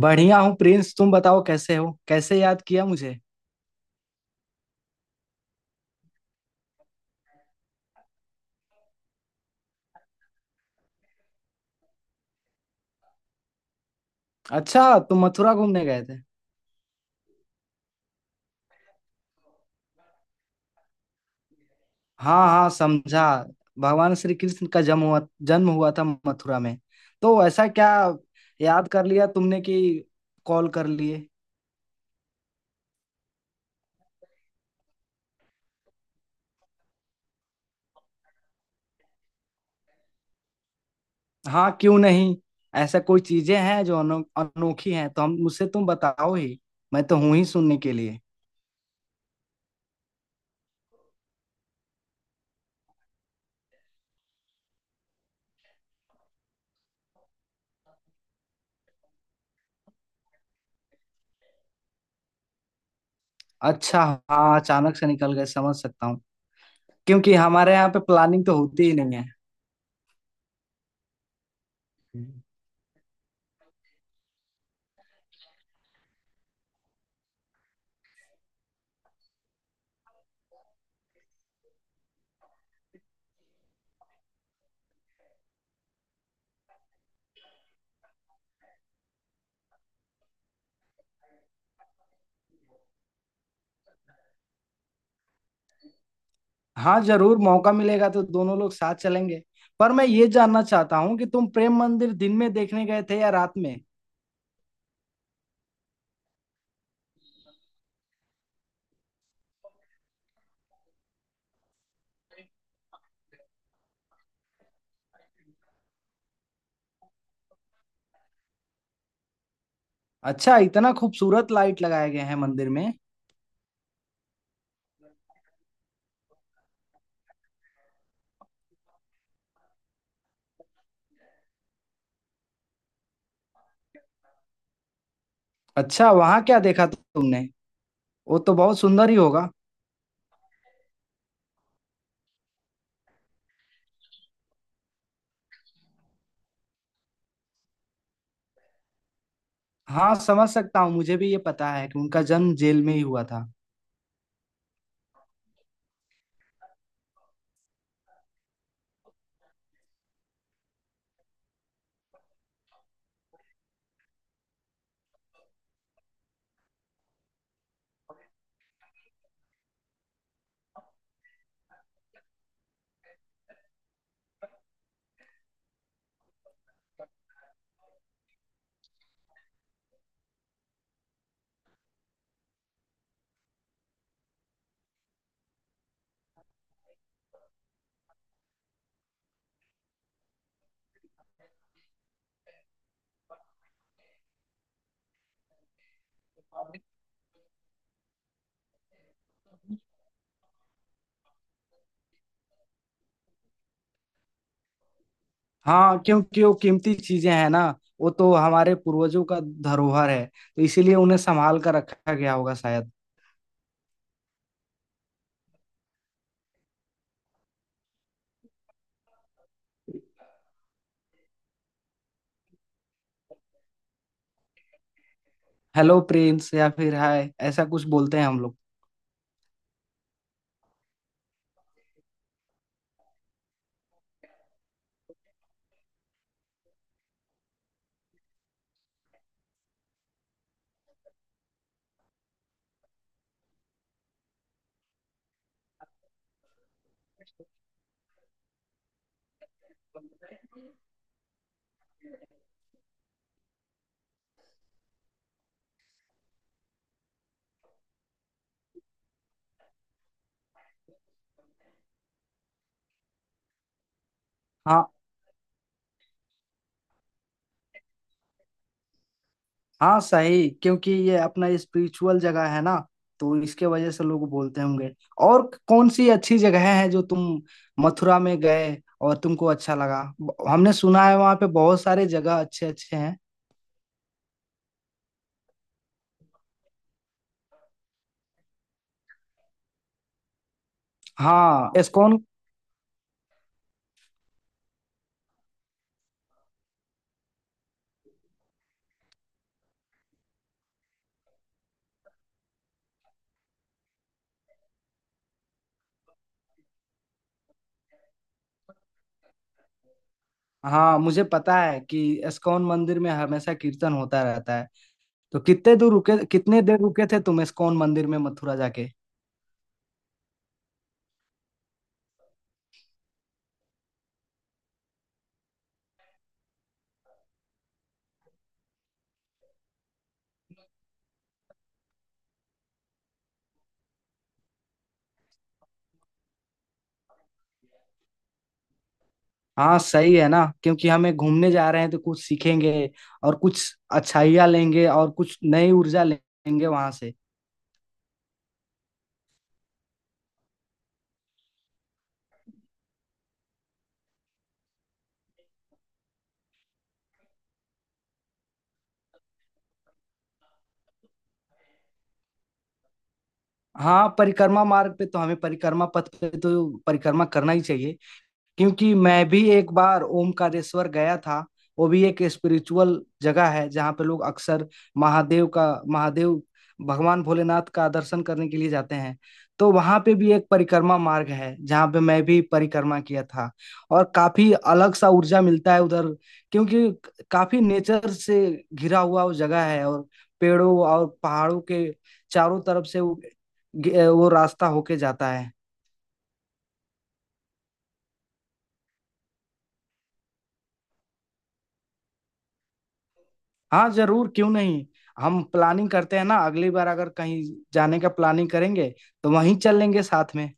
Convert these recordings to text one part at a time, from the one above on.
बढ़िया हूँ प्रिंस, तुम बताओ कैसे हो? कैसे याद किया मुझे? अच्छा, तुम मथुरा घूमने गए थे? हाँ हाँ, समझा। भगवान श्री कृष्ण का जन्म हुआ था मथुरा में। तो ऐसा क्या याद कर लिया तुमने कि कॉल कर लिए? हाँ क्यों नहीं। ऐसा कोई चीजें हैं जो अनोखी हैं तो हम, मुझसे तुम बताओ ही। मैं तो हूं ही सुनने के लिए। अच्छा। हाँ, अचानक से निकल गए, समझ सकता हूँ। क्योंकि हमारे यहाँ पे प्लानिंग तो होती ही नहीं है। हाँ जरूर, मौका मिलेगा तो दोनों लोग साथ चलेंगे। पर मैं ये जानना चाहता हूँ कि तुम प्रेम मंदिर दिन में देखने गए थे या रात में? अच्छा, इतना खूबसूरत लाइट लगाए गए हैं मंदिर में? अच्छा, वहाँ क्या देखा तुमने? वो तो बहुत सुंदर ही होगा। हाँ समझ सकता हूँ, मुझे भी ये पता है कि उनका जन्म जेल में ही हुआ था। हाँ, क्योंकि वो कीमती चीजें हैं ना। वो तो हमारे पूर्वजों का धरोहर है तो इसीलिए उन्हें संभाल कर रखा गया होगा शायद। हेलो प्रिंस या फिर हाय, ऐसा कुछ बोलते हैं हम लोग। हाँ हाँ सही, क्योंकि ये अपना स्पिरिचुअल जगह है ना, तो इसके वजह से लोग बोलते होंगे। और कौन सी अच्छी जगह है जो तुम मथुरा में गए और तुमको अच्छा लगा? हमने सुना है वहाँ पे बहुत सारे जगह अच्छे अच्छे हैं। हाँ इस्कॉन। हाँ, मुझे पता है कि इस्कॉन मंदिर में हमेशा कीर्तन होता रहता है। तो कितने दूर रुके, कितने देर रुके थे तुम इस्कॉन मंदिर में मथुरा जाके? हाँ सही है ना, क्योंकि हमें घूमने जा रहे हैं तो कुछ सीखेंगे और कुछ अच्छाइयाँ लेंगे और कुछ नई ऊर्जा लेंगे वहां से। हाँ, परिक्रमा मार्ग पे तो, हमें परिक्रमा पथ पे तो परिक्रमा करना ही चाहिए। क्योंकि मैं भी एक बार ओमकारेश्वर गया था। वो भी एक स्पिरिचुअल जगह है जहाँ पे लोग अक्सर महादेव का महादेव भगवान भोलेनाथ का दर्शन करने के लिए जाते हैं। तो वहाँ पे भी एक परिक्रमा मार्ग है जहाँ पे मैं भी परिक्रमा किया था। और काफी अलग सा ऊर्जा मिलता है उधर। क्योंकि काफी नेचर से घिरा हुआ वो जगह है, और पेड़ों और पहाड़ों के चारों तरफ से वो रास्ता होके जाता है। हाँ जरूर, क्यों नहीं। हम प्लानिंग करते हैं ना, अगली बार अगर कहीं जाने का प्लानिंग करेंगे तो वहीं चल लेंगे साथ में।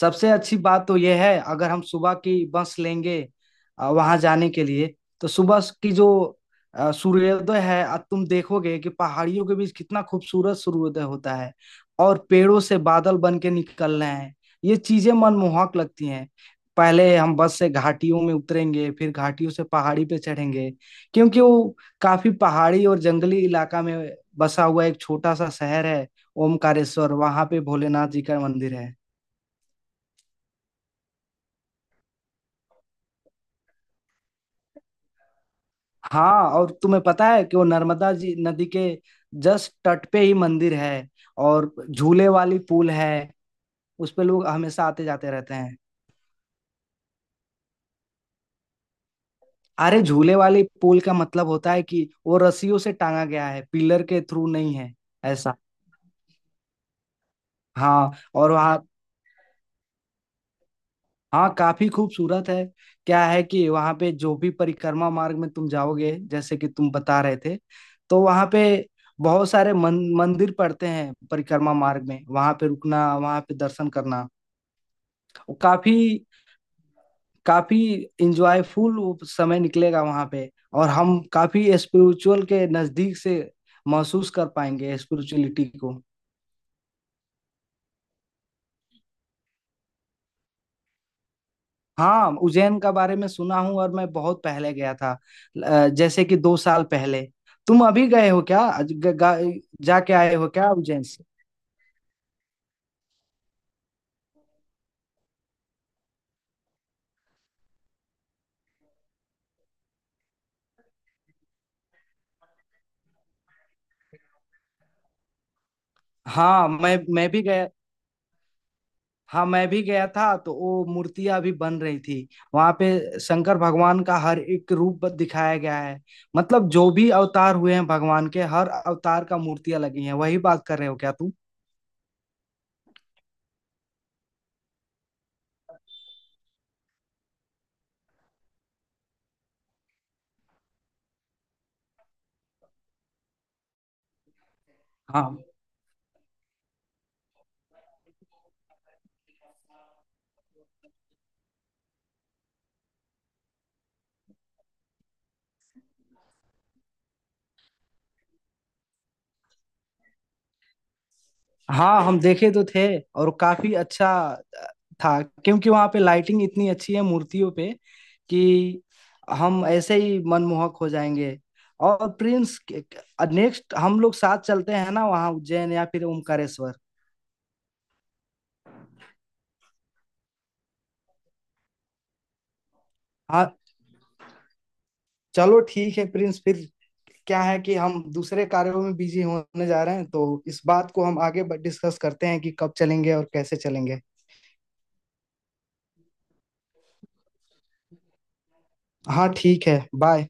सबसे अच्छी बात तो यह है, अगर हम सुबह की बस लेंगे वहां जाने के लिए, तो सुबह की जो सूर्योदय है, तुम देखोगे कि पहाड़ियों के बीच कितना खूबसूरत सूर्योदय होता है। और पेड़ों से बादल बन के निकल रहे हैं। ये चीजें मनमोहक लगती हैं। पहले हम बस से घाटियों में उतरेंगे, फिर घाटियों से पहाड़ी पे चढ़ेंगे। क्योंकि वो काफी पहाड़ी और जंगली इलाका में बसा हुआ एक छोटा सा शहर है ओमकारेश्वर। वहां पे भोलेनाथ जी का मंदिर है। हाँ, और तुम्हें पता है कि वो नर्मदा जी नदी के जस्ट तट पे ही मंदिर है। और झूले वाली पुल है, उस पे लोग हमेशा आते जाते रहते हैं। अरे, झूले वाली पुल का मतलब होता है कि वो रस्सियों से टांगा गया है, पिलर के थ्रू नहीं है। ऐसा। हाँ, और वहाँ। हाँ, काफी खूबसूरत है। क्या है कि वहाँ पे जो भी परिक्रमा मार्ग में तुम जाओगे, जैसे कि तुम बता रहे थे, तो वहाँ पे बहुत सारे मंदिर पड़ते हैं परिक्रमा मार्ग में। वहाँ पे रुकना, वहाँ पे दर्शन करना काफ़ी काफ़ी इंजॉयफुल, वो समय निकलेगा वहाँ पे। और हम काफ़ी स्पिरिचुअल के नज़दीक से महसूस कर पाएंगे स्पिरिचुअलिटी को। हाँ, उज्जैन का बारे में सुना हूँ, और मैं बहुत पहले गया था। जैसे कि 2 साल पहले। तुम अभी गए हो क्या? जाके आए हो क्या उज्जैन से? हाँ, मैं भी गया। हाँ मैं भी गया था, तो वो मूर्तियां भी बन रही थी। वहां पे शंकर भगवान का हर एक रूप दिखाया गया है। मतलब जो भी अवतार हुए हैं भगवान के, हर अवतार का मूर्तियां लगी हैं। वही बात कर रहे हो क्या तुम? हाँ हाँ। हम देखे तो थे, और काफी अच्छा था। क्योंकि वहां पे लाइटिंग इतनी अच्छी है मूर्तियों पे कि हम ऐसे ही मनमोहक हो जाएंगे। और प्रिंस, नेक्स्ट हम लोग साथ चलते हैं ना वहाँ, उज्जैन या फिर ओमकारेश्वर। हाँ, चलो ठीक है प्रिंस फिर। क्या है कि हम दूसरे कार्यों में बिजी होने जा रहे हैं तो इस बात को हम आगे डिस्कस करते हैं कि कब चलेंगे और कैसे चलेंगे। हाँ ठीक है। बाय।